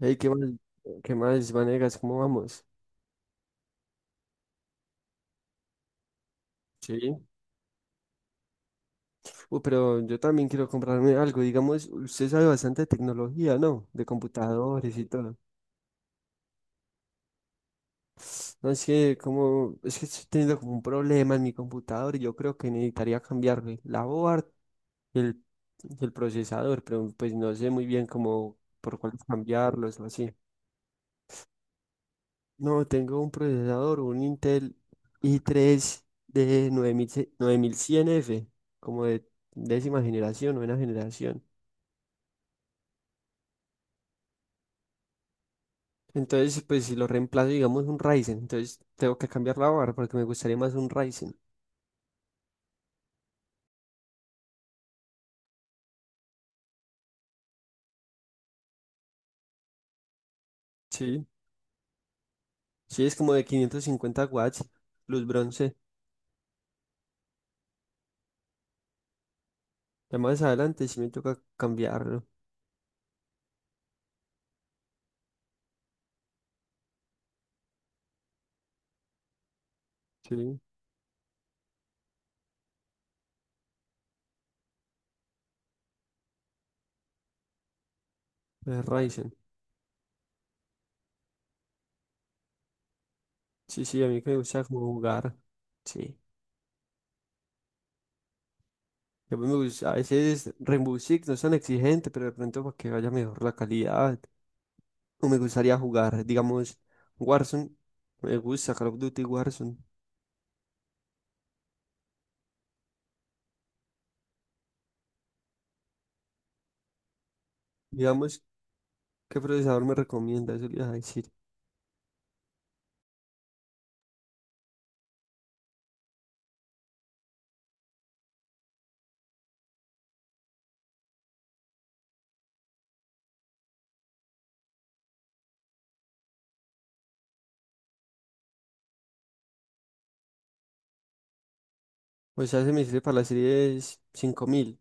Hey, ¿qué más? ¿Qué más, Vanegas? ¿Cómo vamos? Sí. Pero yo también quiero comprarme algo. Digamos, usted sabe bastante de tecnología, ¿no? De computadores y todo. No, es que estoy teniendo como un problema en mi computador y yo creo que necesitaría cambiarle la board y el, y el procesador, pero pues no sé muy bien cómo por cuál cambiarlos o así. No, tengo un procesador, un Intel i3 de nueve mil cien f, como de novena generación. Entonces, pues si lo reemplazo, digamos, un Ryzen, entonces tengo que cambiar la barra porque me gustaría más un Ryzen. Sí, sí, es como de 550 watts, luz bronce. Ya más adelante sí me toca cambiarlo. Sí, es Ryzen. Sí, sí, a mí que me gusta como jugar. Sí. A veces Rainbow Six no es tan exigente, pero de pronto para que vaya mejor la calidad. O me gustaría jugar, digamos, Warzone. Me gusta Call of Duty Warzone. Digamos, ¿qué procesador me recomienda? Eso le iba a decir. O sea, se me sirve para la serie es cinco mil.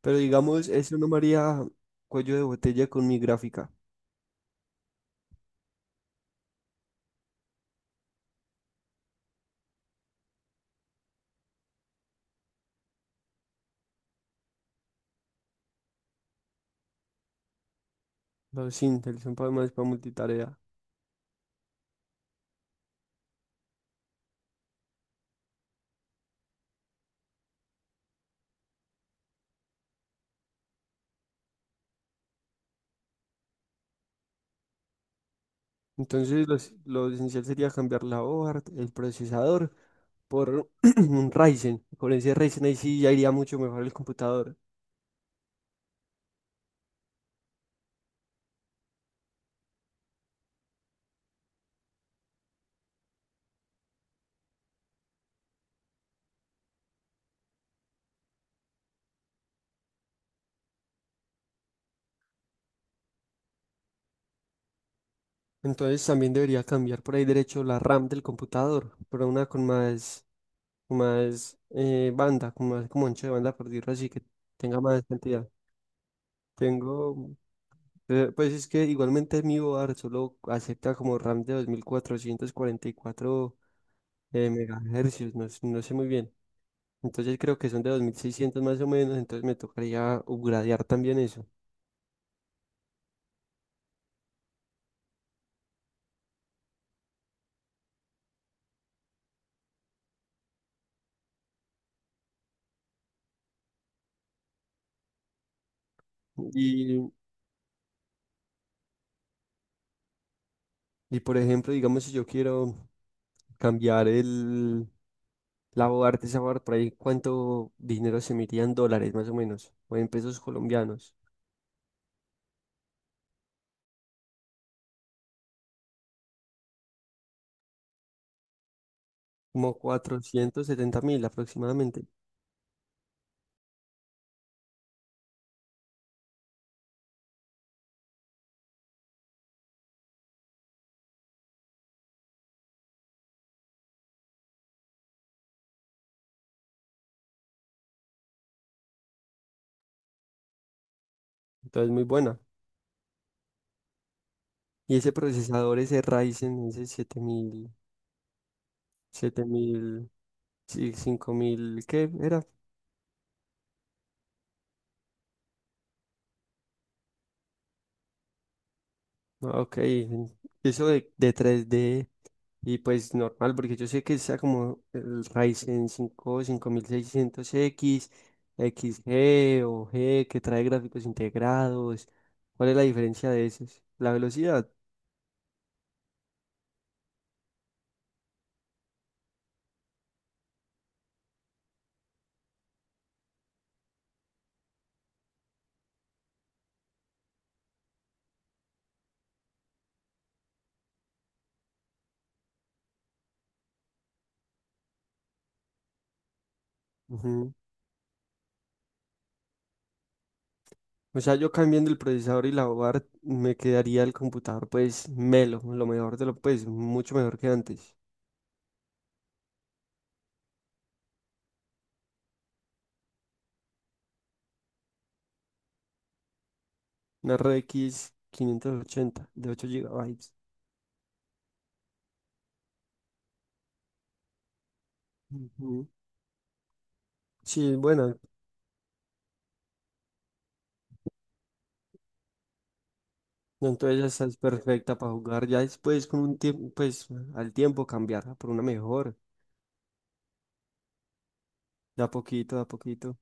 Pero digamos, eso no me haría cuello de botella con mi gráfica. Los Intel son para más para multitarea. Entonces, lo esencial sería cambiar la hoja, el procesador, por un Ryzen. Con ese Ryzen ahí sí ya iría mucho mejor el computador. Entonces, también debería cambiar por ahí derecho la RAM del computador, por una con más, con más banda, con más como ancho de banda, por decirlo así, que tenga más cantidad. Tengo, pues es que igualmente mi board solo acepta como RAM de 2444 megahercios, no sé muy bien. Entonces creo que son de 2600 más o menos, entonces me tocaría upgradear también eso. Y, y por ejemplo, digamos si yo quiero cambiar la board, de esa board por ahí, ¿cuánto dinero se me iría en dólares más o menos? O en pesos colombianos. Como 470 mil aproximadamente. Entonces, muy buena. Y ese procesador, ese Ryzen, ese siete mil siete mil sí, cinco mil, ¿qué era? Ah, ok, eso de tres d, y pues normal, porque yo sé que está como el Ryzen cinco cinco mil seiscientos x, XG o G, que trae gráficos integrados. ¿Cuál es la diferencia de esos? La velocidad. O sea, yo cambiando el procesador y la board me quedaría el computador pues melo, lo mejor de mucho mejor que antes. Una RX 580 de 8 gigabytes. Ujú. Sí, bueno, entonces ya está, es perfecta para jugar. Ya después con un tiempo, pues al tiempo cambiarla por una mejor, de a poquito, de a poquito.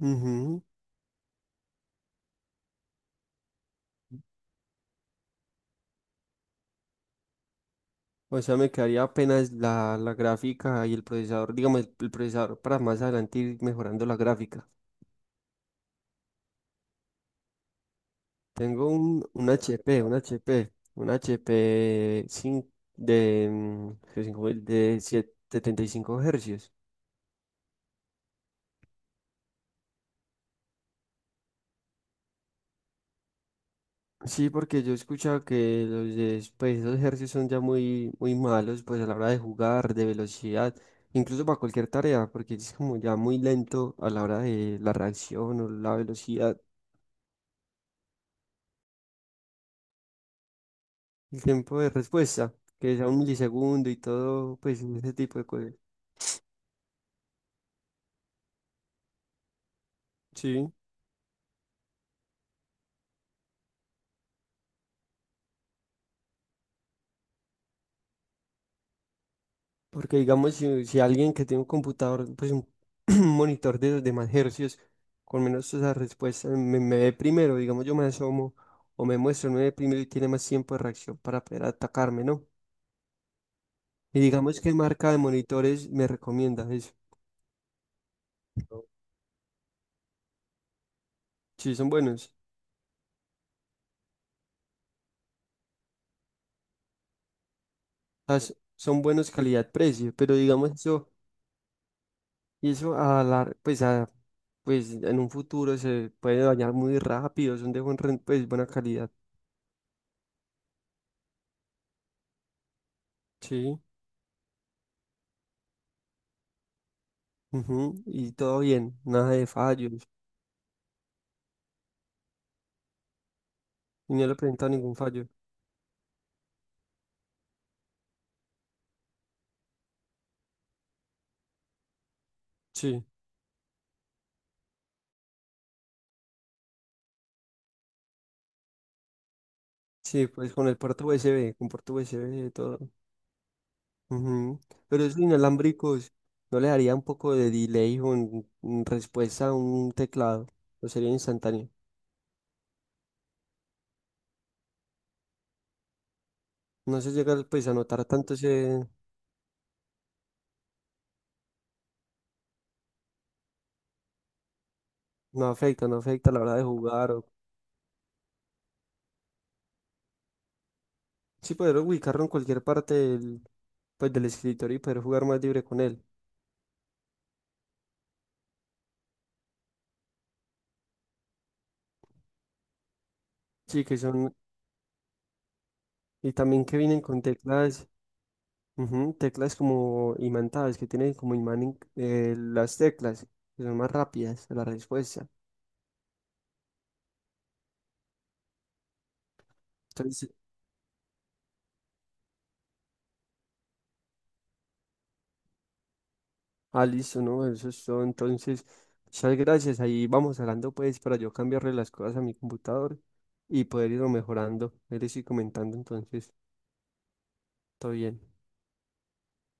Ujú. O sea, me quedaría apenas la gráfica y el procesador, digamos, el procesador, para más adelante ir mejorando la gráfica. Tengo un HP, un HP de, mm, que cinco mil- de siete- 75 hercios. Sí, porque yo he escuchado que pues, esos hercios son ya muy malos, pues a la hora de jugar, de velocidad, incluso para cualquier tarea, porque es como ya muy lento a la hora de la reacción o la velocidad, el tiempo de respuesta, que sea un milisegundo y todo, pues ese tipo de cosas. Sí. Porque digamos, si alguien que tiene un computador, pues un, monitor de los demás hercios, con menos esas respuestas me ve primero, digamos, yo me asomo o me muestro, me ve primero y tiene más tiempo de reacción para poder atacarme, ¿no? Y digamos, ¿qué marca de monitores me recomienda eso? Sí, son buenos. Ah, son buenos calidad-precio, pero digamos eso, y eso a la, pues a, pues en un futuro se puede dañar muy rápido, son de pues buena calidad. Sí. Ujú, y todo bien, nada de fallos. Y no le he presentado ningún fallo. Sí, sí, pues con el puerto USB, con puerto USB, todo. Ujú. Pero esos inalámbricos, ¿no le daría un poco de delay en respuesta a un teclado? ¿O sería instantáneo? No se llega pues a notar tanto ese... No afecta, no afecta a la hora de jugar. O... Sí, poder ubicarlo en cualquier parte del, pues, del escritorio y poder jugar más libre con él. Sí, que son... Y también que vienen con teclas. Ujú, teclas como imantadas, que tienen como imán las teclas, que son más rápidas la respuesta. Entonces, ah, listo, ¿no? Eso es todo. Entonces, muchas gracias. Ahí vamos hablando, pues, para yo cambiarle las cosas a mi computador y poder irlo mejorando. Él estoy comentando, entonces, todo bien.